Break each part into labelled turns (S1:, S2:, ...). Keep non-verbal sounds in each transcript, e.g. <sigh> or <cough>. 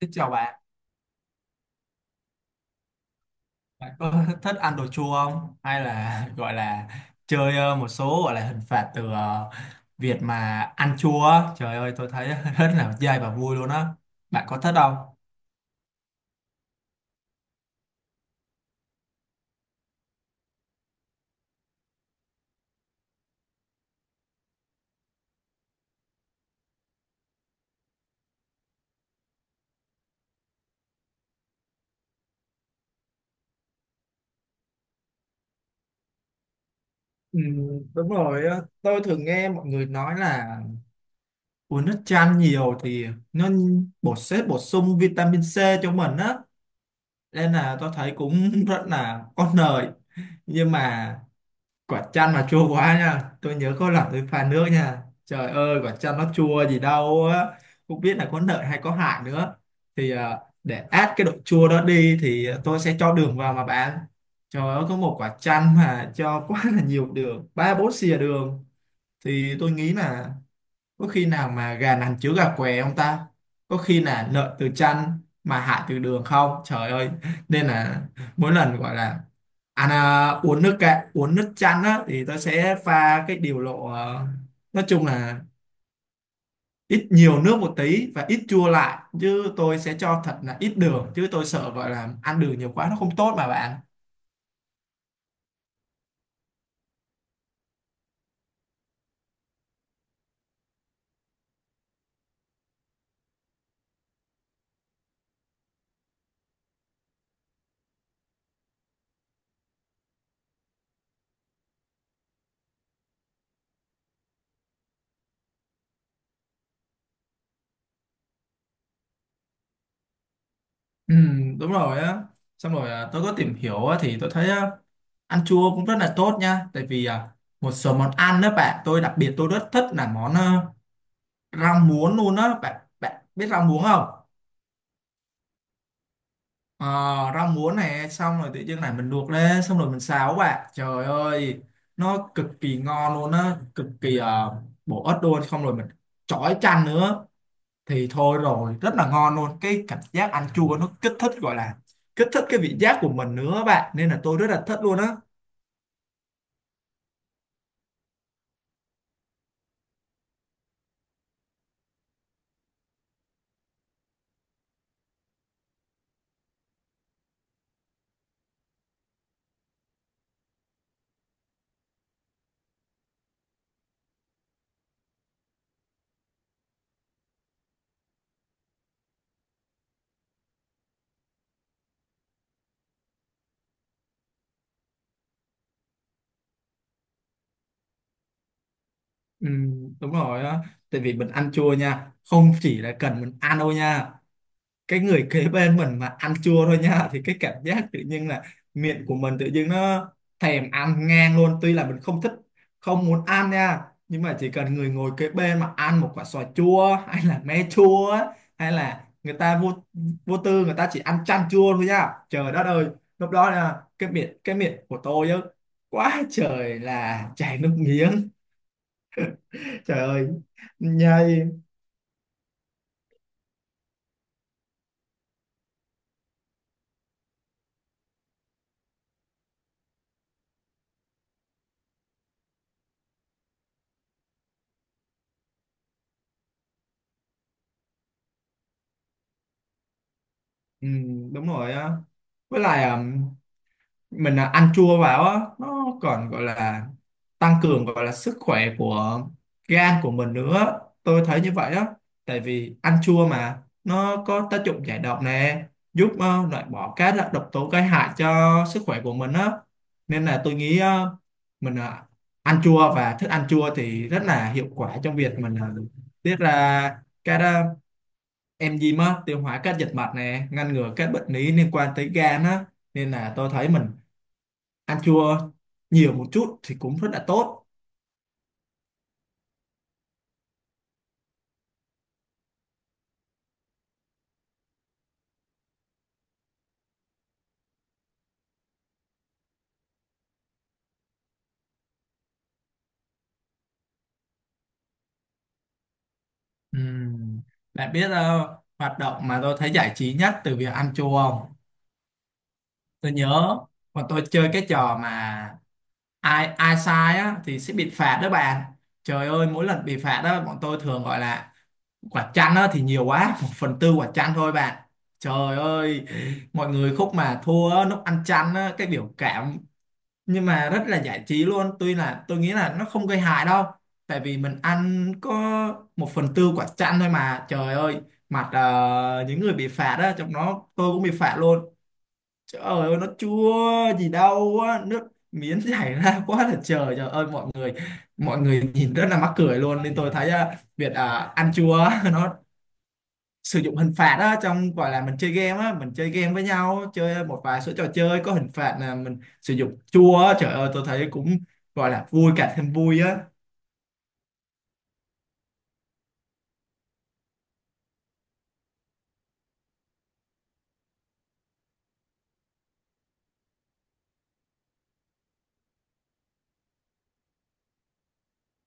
S1: Xin chào bạn, bạn có <laughs> thích ăn đồ chua không? Hay là <laughs> gọi là chơi một số gọi là hình phạt từ việc mà ăn chua? Á? Trời ơi, tôi thấy <laughs> rất là dai và vui luôn á. Bạn có thích không? Ừ, đúng rồi á. Tôi thường nghe mọi người nói là uống nước chanh nhiều thì nó bổ sung vitamin C cho mình á. Nên là tôi thấy cũng <laughs> rất là có lợi. Nhưng mà quả chanh mà chua quá nha, tôi nhớ có lần tôi pha nước nha, trời ơi quả chanh nó chua gì đâu á, không biết là có lợi hay có hại nữa. Thì để át cái độ chua đó đi thì tôi sẽ cho đường vào mà bạn, trời ơi có một quả chanh mà cho <laughs> quá là nhiều đường, ba bốn xìa đường. Thì tôi nghĩ là có khi nào mà gà nằm chứa gà què không ta, có khi là lợi từ chăn mà hại từ đường không, trời ơi. Nên là mỗi lần gọi là uống nước chanh á thì tôi sẽ pha cái điều lộ nói chung là ít nhiều nước một tí và ít chua lại, chứ tôi sẽ cho thật là ít đường, chứ tôi sợ gọi là ăn đường nhiều quá nó không tốt mà bạn. Ừ, đúng rồi á. Xong rồi tôi có tìm hiểu á, thì tôi thấy á, ăn chua cũng rất là tốt nha. Tại vì một số món ăn đó bạn, tôi đặc biệt tôi rất thích là món rau muống luôn á bạn. Bạn biết rau muống không? Ờ, rau muống này xong rồi tự nhiên này mình luộc lên xong rồi mình xào á bạn, trời ơi nó cực kỳ ngon luôn á, cực kỳ bổ ích luôn. Xong rồi mình chói chanh nữa thì thôi rồi rất là ngon luôn, cái cảm giác ăn chua nó kích thích gọi là kích thích cái vị giác của mình nữa á bạn, nên là tôi rất là thích luôn á. Ừ, đúng rồi á. Tại vì mình ăn chua nha, không chỉ là cần mình ăn đâu nha, cái người kế bên mình mà ăn chua thôi nha thì cái cảm giác tự nhiên là miệng của mình tự nhiên nó thèm ăn ngang luôn, tuy là mình không thích không muốn ăn nha. Nhưng mà chỉ cần người ngồi kế bên mà ăn một quả xoài chua hay là me chua á, hay là người ta vô vô tư người ta chỉ ăn chan chua thôi nha, trời đất ơi lúc đó là cái miệng của tôi á quá trời là chảy nước miếng, trời ơi nhây. Ừ, đúng rồi á. Với lại mình ăn chua vào á nó còn gọi là tăng cường gọi là sức khỏe của gan của mình nữa, tôi thấy như vậy á. Tại vì ăn chua mà nó có tác dụng giải độc nè, giúp loại bỏ các loại độc tố gây hại cho sức khỏe của mình á. Nên là tôi nghĩ mình ăn chua và thức ăn chua thì rất là hiệu quả trong việc mình tiết ra các enzyme á, tiêu hóa các dịch mạch nè, ngăn ngừa các bệnh lý liên quan tới gan á. Nên là tôi thấy mình ăn chua nhiều một chút thì cũng rất là tốt. Ừm, Bạn biết hoạt động mà tôi thấy giải trí nhất từ việc ăn chua không? Tôi nhớ mà tôi chơi cái trò mà ai ai sai á thì sẽ bị phạt đó bạn. Trời ơi mỗi lần bị phạt đó bọn tôi thường gọi là quả chanh á thì nhiều quá, một phần tư quả chanh thôi bạn. Trời ơi mọi người khúc mà thua á, lúc ăn chanh á cái biểu cảm nhưng mà rất là giải trí luôn, tuy là tôi nghĩ là nó không gây hại đâu, tại vì mình ăn có một phần tư quả chanh thôi mà. Trời ơi mặt những người bị phạt á, trong đó tôi cũng bị phạt luôn, trời ơi nó chua gì đâu á, nước miếng <laughs> chảy ra quá là trời, trời ơi mọi người nhìn rất là mắc cười luôn. Nên tôi thấy việc ăn chua <laughs> nó sử dụng hình phạt á trong gọi là mình chơi game á, mình chơi game với nhau chơi một vài số trò chơi có hình phạt là mình sử dụng chua á, trời ơi tôi thấy cũng gọi là vui cả thêm vui á.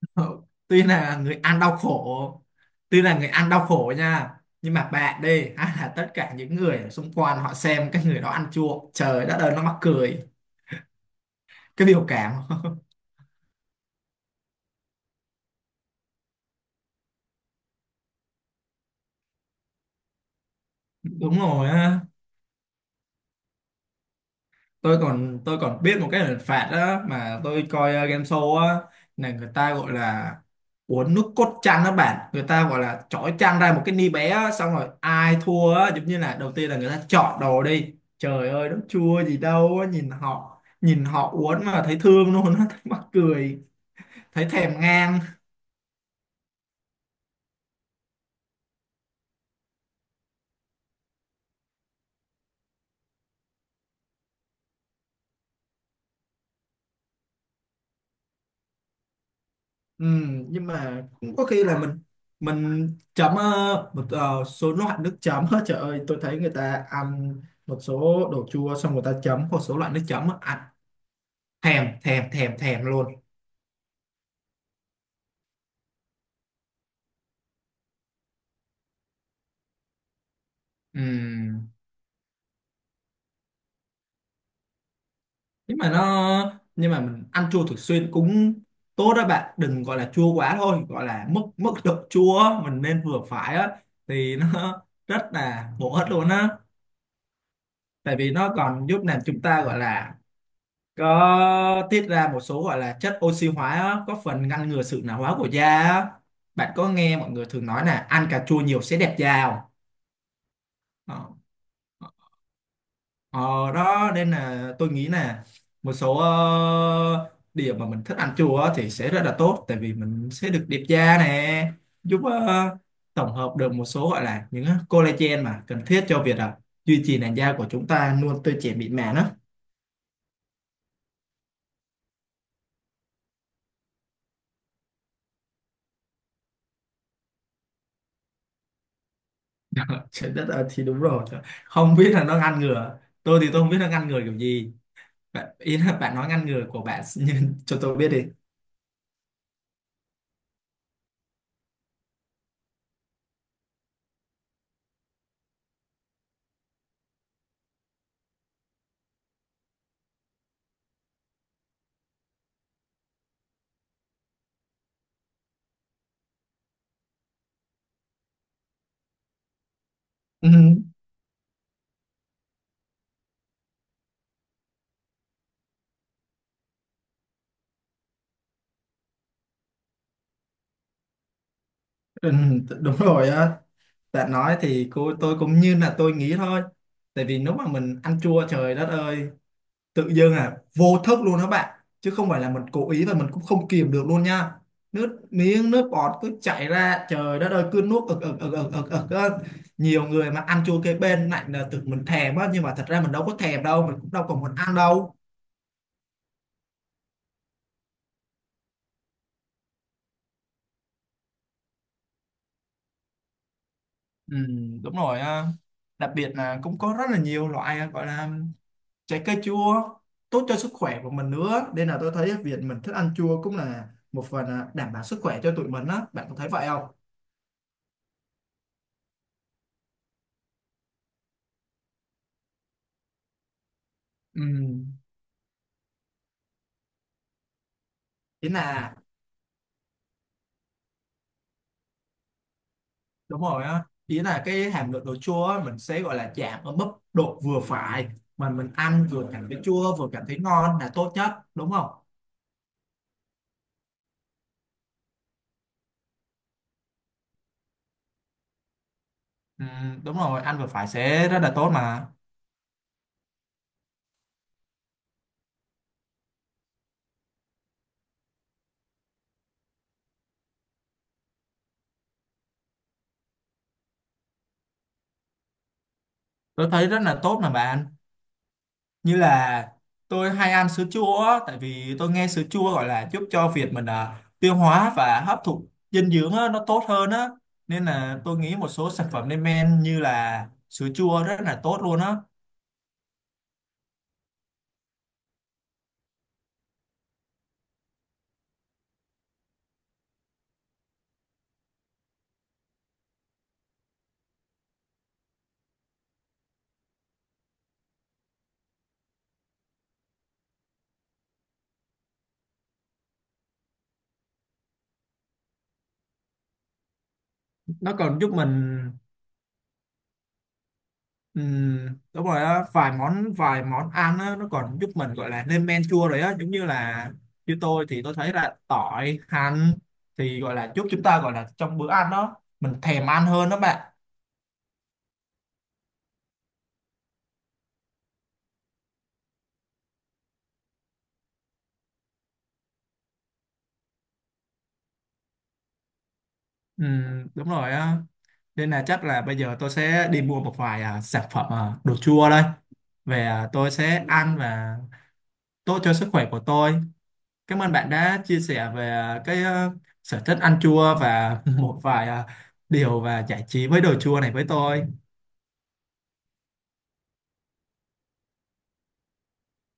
S1: <laughs> tuy là người ăn đau khổ Tuy là người ăn đau khổ nha, nhưng mà bạn đi, hay là tất cả những người ở xung quanh họ xem cái người đó ăn chua trời đất ơi nó mắc cười cái biểu cảm <laughs> đúng rồi á, tôi còn biết một cái hình phạt đó mà tôi coi game show á, là người ta gọi là uống nước cốt chăn đó bạn, người ta gọi là chói chăn ra một cái ni bé á, xong rồi ai thua á giống như là đầu tiên là người ta chọn đồ đi, trời ơi nó chua gì đâu á, nhìn họ uống mà thấy thương luôn á <laughs> thấy mắc cười, thấy thèm ngang. Ừ, nhưng mà cũng có khi là mình chấm một số loại nước chấm á, trời ơi tôi thấy người ta ăn một số đồ chua xong người ta chấm một số loại nước chấm á, ăn thèm thèm thèm thèm luôn. Ừ. Nhưng mà mình ăn chua thường xuyên cũng tốt đó bạn, đừng gọi là chua quá thôi, gọi là mức mức độ chua á, mình nên vừa phải á thì nó <laughs> rất là bổ ích luôn á. Tại vì nó còn giúp làm chúng ta gọi là có tiết ra một số gọi là chất oxy hóa á, có phần ngăn ngừa sự lão hóa của da á. Bạn có nghe mọi người thường nói là ăn cà chua nhiều sẽ đẹp da không? ờ, ờ, Đó nên là tôi nghĩ là một số điểm mà mình thích ăn chua á thì sẽ rất là tốt, tại vì mình sẽ được đẹp da nè, giúp tổng hợp được một số gọi là những collagen mà cần thiết cho việc duy trì làn da của chúng ta luôn tươi trẻ mịn màng á. <laughs> Trời đất ơi thì đúng rồi, không biết là nó ngăn ngừa, tôi thì tôi không biết nó ngăn ngừa kiểu gì, bạn ý là bạn nói ngăn ngừa của bạn <laughs> nhưng cho tôi biết đi. Ừ, ừ, đúng rồi á, bạn nói thì cô tôi cũng như là tôi nghĩ thôi. Tại vì nếu mà mình ăn chua trời đất ơi tự dưng vô thức luôn đó bạn, chứ không phải là mình cố ý và mình cũng không kìm được luôn nha, nước miếng nước bọt cứ chảy ra trời đất ơi cứ nuốt ực ực ực ực ực ực á. Nhiều người mà ăn chua kế bên lại là tưởng mình thèm á, nhưng mà thật ra mình đâu có thèm đâu, mình cũng đâu còn muốn ăn đâu. Ừ, đúng rồi á. Đặc biệt là cũng có rất là nhiều loại gọi là trái cây chua tốt cho sức khỏe của mình nữa, nên là tôi thấy việc mình thích ăn chua cũng là một phần đảm bảo sức khỏe cho tụi mình á, bạn có thấy vậy không? Ừ. Thế là đúng rồi á, ý là cái hàm lượng đồ chua á, mình sẽ gọi là giảm ở mức độ vừa phải, mà mình ăn vừa cảm thấy chua vừa cảm thấy ngon là tốt nhất đúng không? Ừ, đúng rồi, ăn vừa phải sẽ rất là tốt mà. Tôi thấy rất là tốt mà bạn. Như là tôi hay ăn sữa chua á, tại vì tôi nghe sữa chua gọi là giúp cho việc mình tiêu hóa và hấp thụ dinh dưỡng á, nó tốt hơn á. Nên là tôi nghĩ một số sản phẩm lên men như là sữa chua rất là tốt luôn á. Nó còn giúp mình. Ừ, đúng rồi á, vài món ăn á, nó còn giúp mình gọi là lên men chua rồi á, giống như là như tôi thì tôi thấy là tỏi hành thì gọi là giúp chúng ta gọi là trong bữa ăn đó mình thèm ăn hơn đó bạn. Ừ, đúng rồi á. Nên là chắc là bây giờ tôi sẽ đi mua một vài sản phẩm đồ chua đây, về tôi sẽ ăn và tốt cho sức khỏe của tôi. Cảm ơn bạn đã chia sẻ về cái sở thích ăn chua và <laughs> một vài điều và giải trí với đồ chua này với tôi.